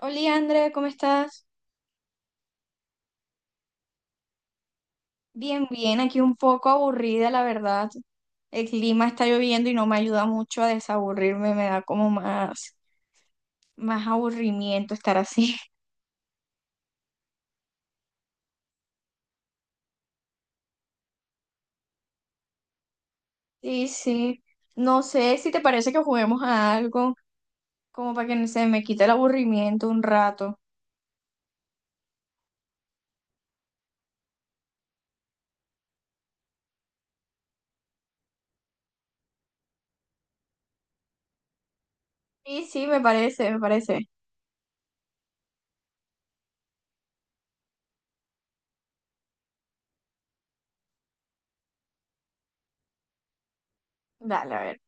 Hola, Andrea, ¿cómo estás? Bien, bien, aquí un poco aburrida, la verdad. El clima está lloviendo y no me ayuda mucho a desaburrirme, me da como más aburrimiento estar así. Sí, sí. No sé si te parece que juguemos a algo, como para que no se me quite el aburrimiento un rato. Sí, sí, me parece. Dale, a ver.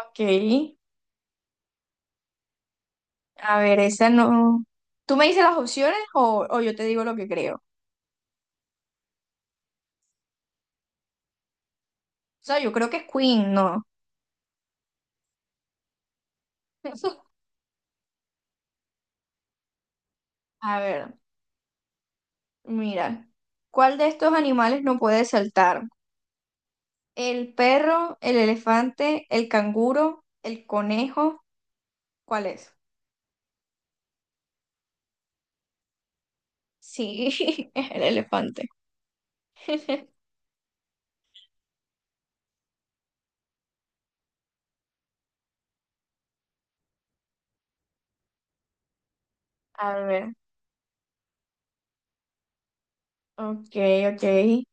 Ok. A ver, esa no. ¿Tú me dices las opciones o yo te digo lo que creo? O sea, yo creo que es Queen, ¿no? A ver. Mira, ¿cuál de estos animales no puede saltar? ¿El perro, el elefante, el canguro, el conejo? ¿Cuál es? Sí, es el elefante. A ver, ok, ok.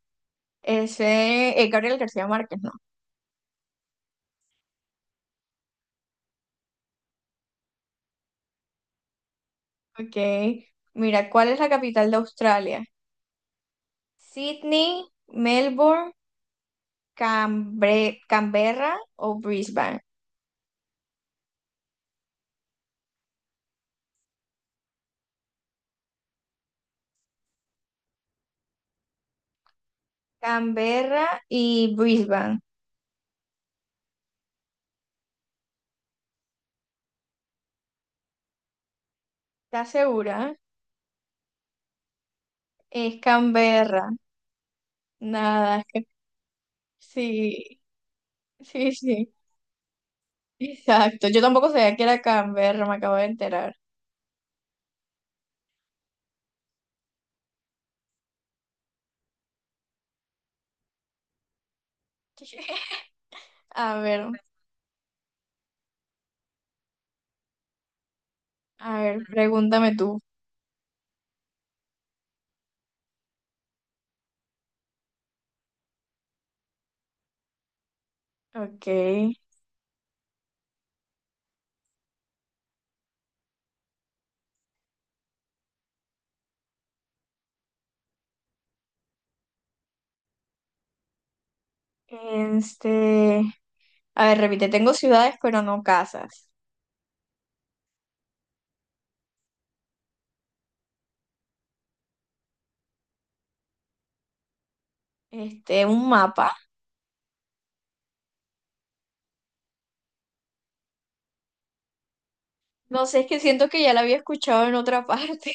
Ese es Gabriel García Márquez, ¿no? Ok. Mira, ¿cuál es la capital de Australia? ¿Sydney, Melbourne, Canberra o Brisbane? Canberra y Brisbane. ¿Estás segura? Es Canberra. Nada, es que sí, sí, sí. Exacto. Yo tampoco sabía que era Canberra, me acabo de enterar. A ver, a ver, pregúntame tú. Ok. Este, a ver, repite, tengo ciudades, pero no casas. Este, un mapa. No sé, es que siento que ya la había escuchado en otra parte.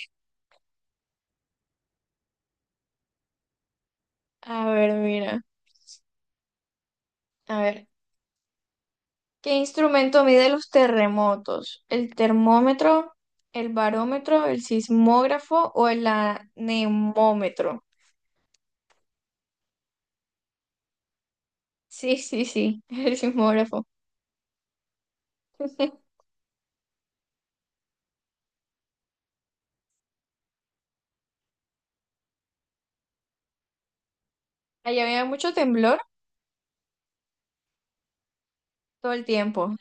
A ver, mira. A ver, ¿qué instrumento mide los terremotos? ¿El termómetro, el barómetro, el sismógrafo o el anemómetro? Sí, sí, sí, el sismógrafo. Allá había mucho temblor todo el tiempo.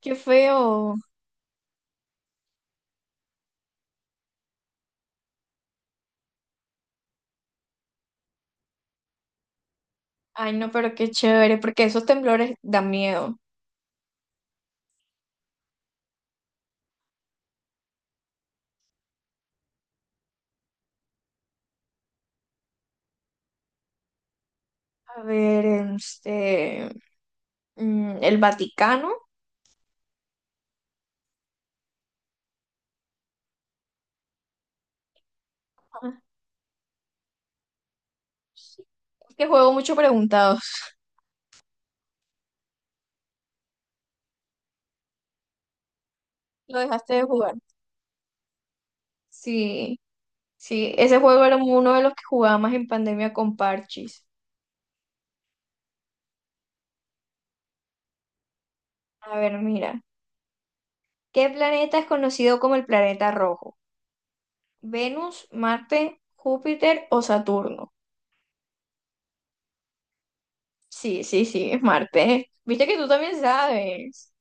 Qué feo. Ay, no, pero qué chévere, porque esos temblores dan miedo. A ver, este, mm, el Vaticano. Ajá. Es que juego mucho preguntados. Lo dejaste de jugar. Sí, sí, ese juego era uno de los que jugaba más en pandemia con Parchis. A ver, mira. ¿Qué planeta es conocido como el planeta rojo? ¿Venus, Marte, Júpiter o Saturno? Sí, sí, sí, es Marte. Viste que tú también sabes.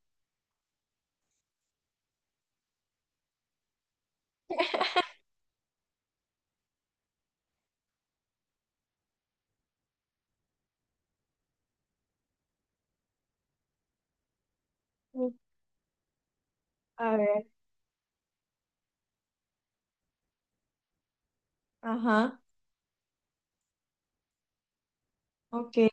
Mm, a ver, ajá, ok.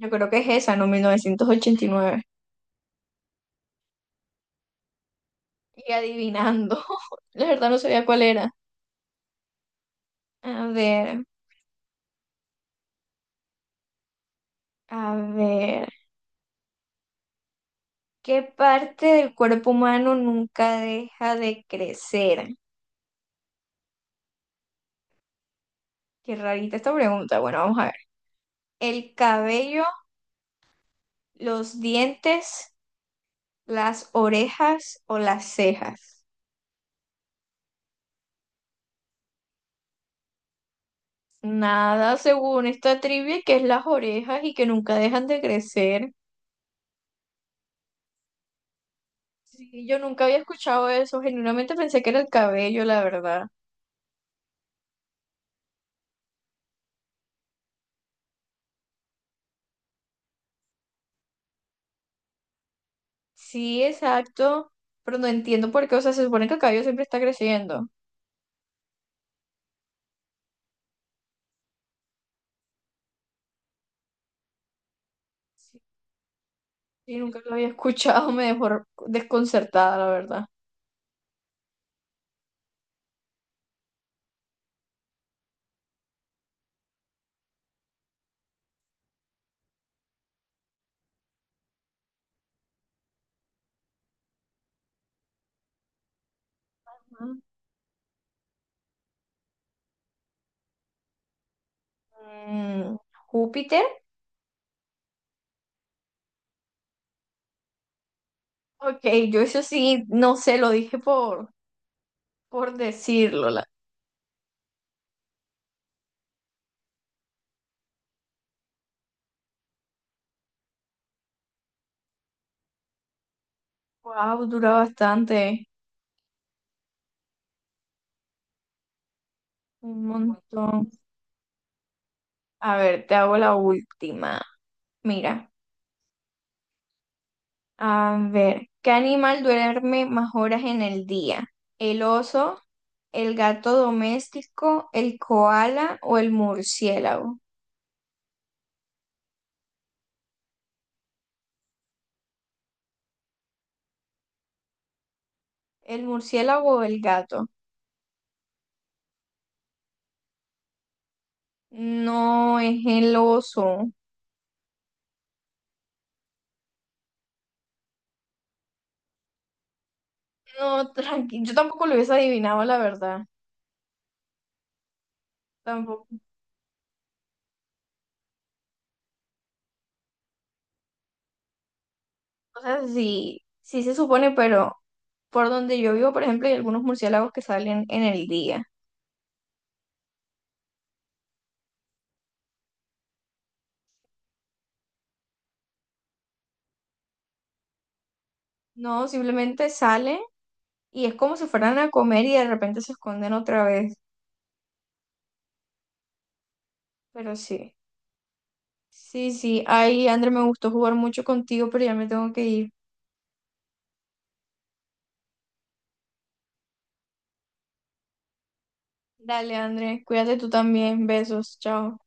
Yo creo que es esa, ¿no? 1989. Y adivinando. La verdad no sabía cuál era. A ver, a ver. ¿Qué parte del cuerpo humano nunca deja de crecer? Qué rarita esta pregunta. Bueno, vamos a ver. ¿El cabello, los dientes, las orejas o las cejas? Nada, según esta trivia, que es las orejas y que nunca dejan de crecer. Sí, yo nunca había escuchado eso, genuinamente pensé que era el cabello, la verdad. Sí, exacto, pero no entiendo por qué, o sea, se supone que el cabello siempre está creciendo. Y nunca lo había escuchado, me dejó desconcertada, la verdad. Mm, ¿Júpiter? Ok, yo eso sí, no sé, lo dije por decirlo. La... Wow, dura bastante, un montón. A ver, te hago la última. Mira, a ver, ¿qué animal duerme más horas en el día? ¿El oso, el gato doméstico, el koala o el murciélago? ¿El murciélago o el gato? No, es el oso. No, tranqui, yo tampoco lo hubiese adivinado, la verdad. Tampoco. O sea, sí, sí se supone, pero por donde yo vivo, por ejemplo, hay algunos murciélagos que salen en el día. No, simplemente salen y es como si fueran a comer y de repente se esconden otra vez. Pero sí, sí, sí. Ay, André, me gustó jugar mucho contigo, pero ya me tengo que ir. Dale, André, cuídate tú también. Besos, chao.